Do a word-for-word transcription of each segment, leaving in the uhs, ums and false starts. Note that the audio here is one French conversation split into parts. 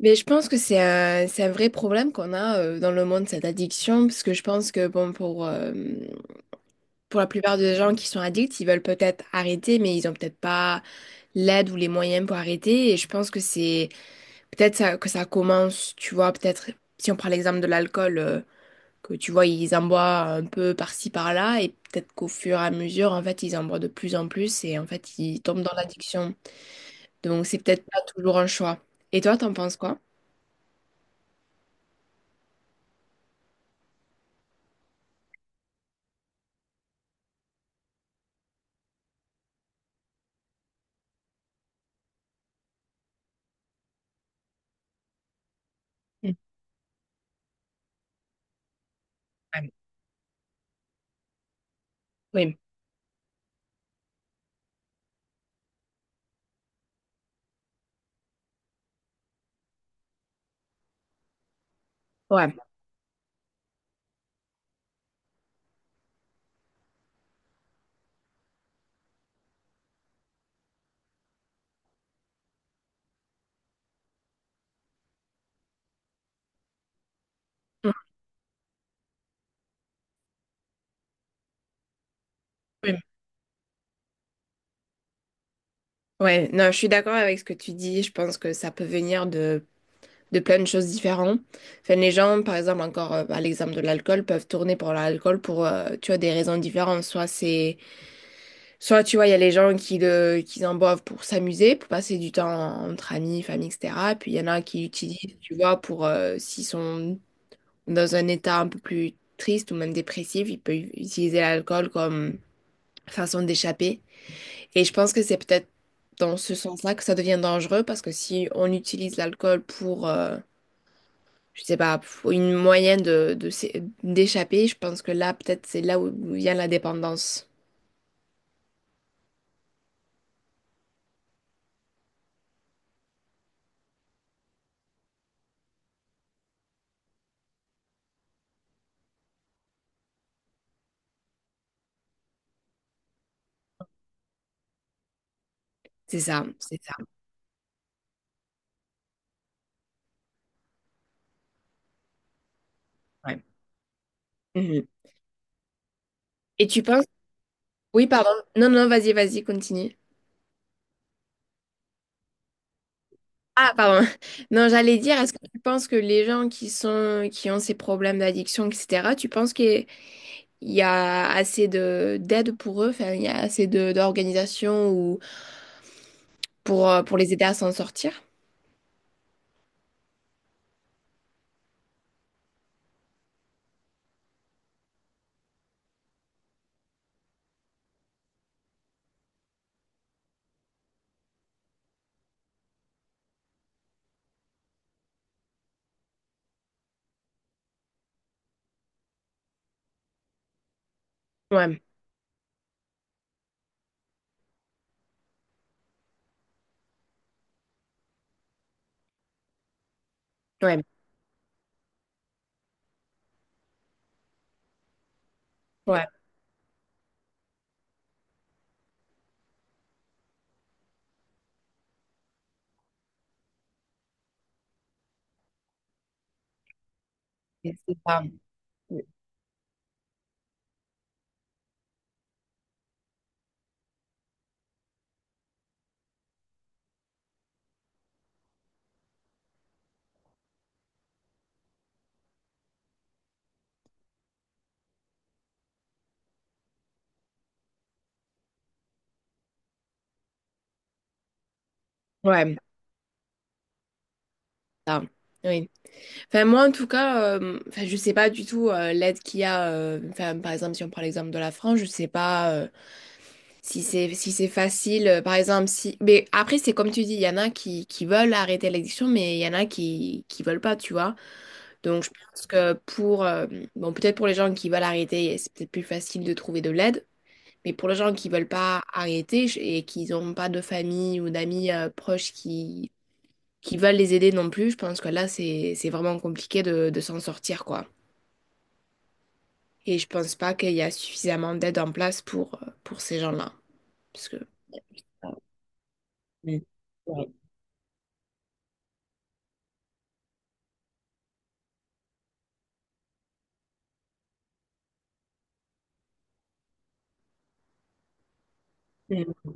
Mais je pense que c'est un, c'est un vrai problème qu'on a euh, dans le monde, cette addiction, parce que je pense que bon, pour, euh, pour la plupart des gens qui sont addicts, ils veulent peut-être arrêter, mais ils ont peut-être pas l'aide ou les moyens pour arrêter. Et je pense que c'est peut-être ça, que ça commence, tu vois, peut-être si on prend l'exemple de l'alcool, euh, que tu vois, ils en boivent un peu par-ci, par-là, et peut-être qu'au fur et à mesure, en fait, ils en boivent de plus en plus, et en fait, ils tombent dans l'addiction. Donc, c'est peut-être pas toujours un choix. Et toi, t'en penses quoi? Mm. Ouais. Oui. Ouais. Oui. Ouais, non, je suis d'accord avec ce que tu dis. Je pense que ça peut venir de, de plein de choses différentes. Enfin, les gens, par exemple, encore euh, à l'exemple de l'alcool, peuvent tourner pour l'alcool pour, euh, tu vois, des raisons différentes. Soit c'est, soit tu vois, il y a les gens qui le, qui en boivent pour s'amuser, pour passer du temps entre amis, famille, etcétéra. Puis il y en a qui l'utilisent, tu vois, pour, euh, s'ils sont dans un état un peu plus triste ou même dépressif, ils peuvent utiliser l'alcool comme façon d'échapper. Et je pense que c'est peut-être dans ce sens-là que ça devient dangereux parce que si on utilise l'alcool pour, euh, je sais pas, pour une moyenne de, de s'é- d'échapper, je pense que là, peut-être c'est là où où vient la dépendance. C'est ça, c'est ça. Ouais. Mhm. Et tu penses... Oui, pardon. Non, non, vas-y, vas-y, continue. Ah, pardon. Non, j'allais dire, est-ce que tu penses que les gens qui sont, qui ont ces problèmes d'addiction, etcétéra, tu penses qu'il y a assez de d'aide pour eux, enfin, il y a assez de d'organisations pour, euh, pour les aider à s'en sortir. Ouais, ouais, ouais. C'est ça. Ouais, ça. Oui. Enfin, moi, en tout cas, euh, enfin, je sais pas du tout euh, l'aide qu'il y a. euh, enfin, par exemple, si on prend l'exemple de la France, je sais pas euh, si c'est si c'est facile. Euh, par exemple, si. Mais après, c'est comme tu dis, il y en a qui, qui veulent arrêter l'addiction, mais il y en a qui qui veulent pas, tu vois. Donc, je pense que pour, euh, bon, peut-être pour les gens qui veulent arrêter, c'est peut-être plus facile de trouver de l'aide. Mais pour les gens qui veulent pas arrêter je- et qui n'ont pas de famille ou d'amis euh, proches qui, qui veulent les aider non plus, je pense que là, c'est, c'est vraiment compliqué de, de s'en sortir, quoi. Et je pense pas qu'il y a suffisamment d'aide en place pour, euh, pour ces gens-là. Parce que... Ouais. Mm.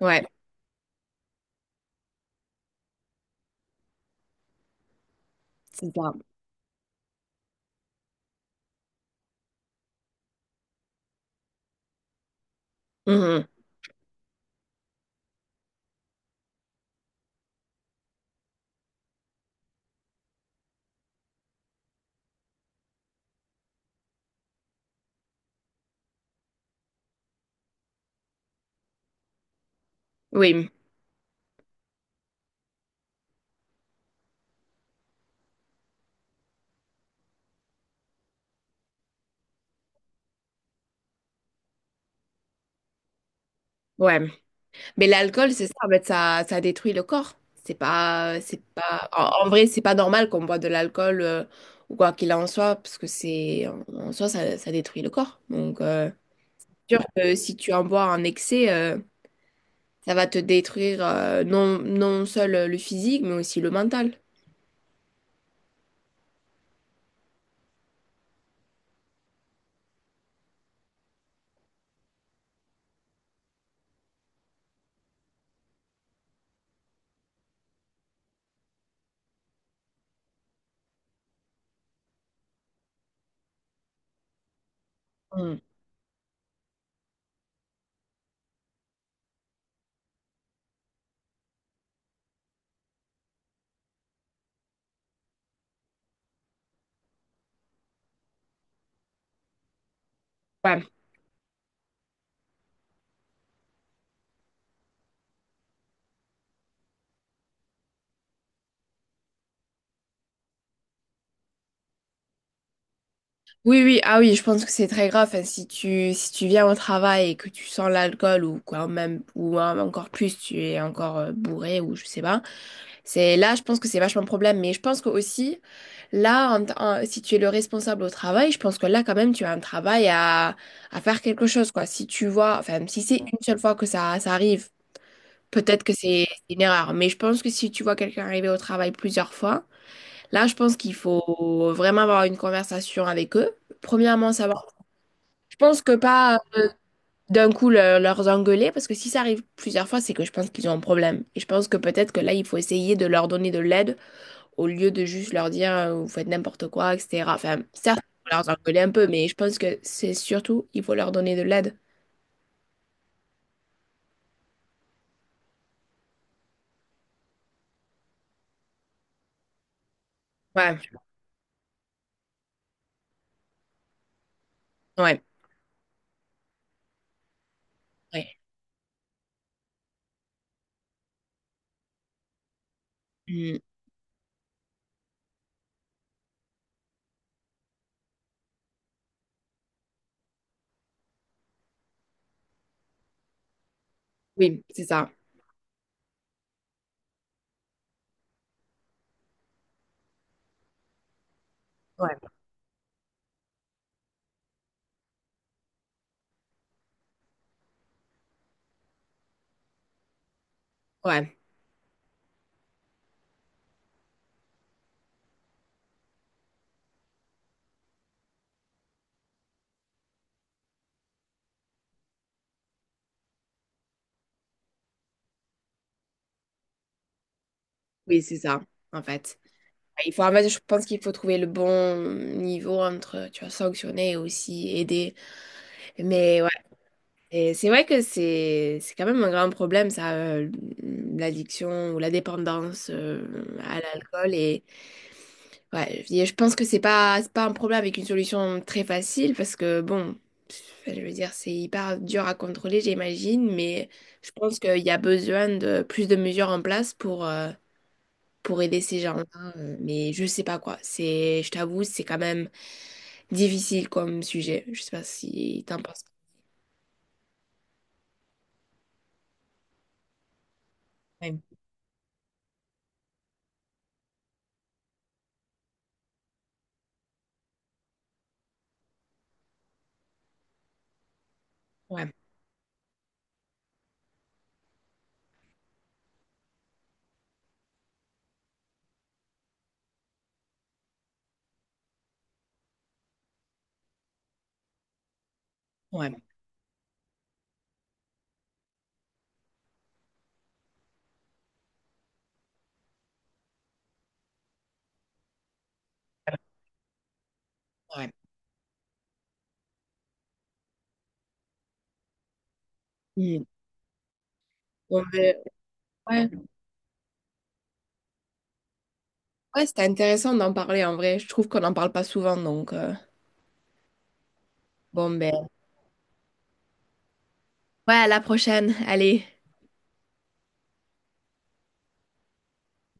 Ouais, c'est ça. Mhm. Oui, ouais. Mais l'alcool, c'est ça, en fait, ça, ça détruit le corps. C'est pas, c'est pas, en, en vrai, c'est pas normal qu'on boit de l'alcool euh, ou quoi qu'il en soit, parce que c'est, en, en soi, ça, ça détruit le corps. Donc, euh, c'est sûr que si tu en bois en excès, euh, ça va te détruire euh, non, non seul le physique, mais aussi le mental. Mm. Ouais. Oui, oui, ah oui, je pense que c'est très grave. Enfin, si tu, si tu viens au travail et que tu sens l'alcool ou quoi, même, ou hein, encore plus, tu es encore euh, bourré ou je sais pas. C'est là, je pense que c'est vachement un problème. Mais je pense que aussi, là, en t- en- si tu es le responsable au travail, je pense que là, quand même, tu as un travail à, à faire quelque chose, quoi. Si tu vois, enfin, si c'est une seule fois que ça, ça arrive, peut-être que c'est c'est une erreur. Mais je pense que si tu vois quelqu'un arriver au travail plusieurs fois, là, je pense qu'il faut vraiment avoir une conversation avec eux. Premièrement, savoir. Je pense que pas euh, d'un coup le- leur engueuler, parce que si ça arrive plusieurs fois, c'est que je pense qu'ils ont un problème. Et je pense que peut-être que là, il faut essayer de leur donner de l'aide au lieu de juste leur dire euh, vous faites n'importe quoi, etcétéra. Enfin, certes, il faut leur engueuler un peu, mais je pense que c'est surtout, il faut leur donner de l'aide. Ouais, ouais, ouais. Mm. Oui, c'est ça. Ouais, ouais, oui, c'est ça, en fait. Ouais, il faut, en fait, je pense qu'il faut trouver le bon niveau entre, tu vois, sanctionner et aussi aider. Mais ouais, et c'est vrai que c'est c'est quand même un grand problème, ça, euh, l'addiction ou la dépendance euh, à l'alcool. Et ouais, je je pense que c'est pas, c'est pas un problème avec une solution très facile parce que, bon, enfin, je veux dire, c'est hyper dur à contrôler, j'imagine, mais je pense qu'il y a besoin de plus de mesures en place pour... euh, pour aider ces gens-là, euh, mais je sais pas quoi. C'est, je t'avoue, c'est quand même difficile comme sujet. Je sais pas si t'en penses. Ouais, ouais, ouais. Ouais. Mm. Bon, ben, ouais. Ouais, c'était intéressant d'en parler en vrai. Je trouve qu'on n'en parle pas souvent, donc euh, bon ben. Ouais, à la prochaine. Allez.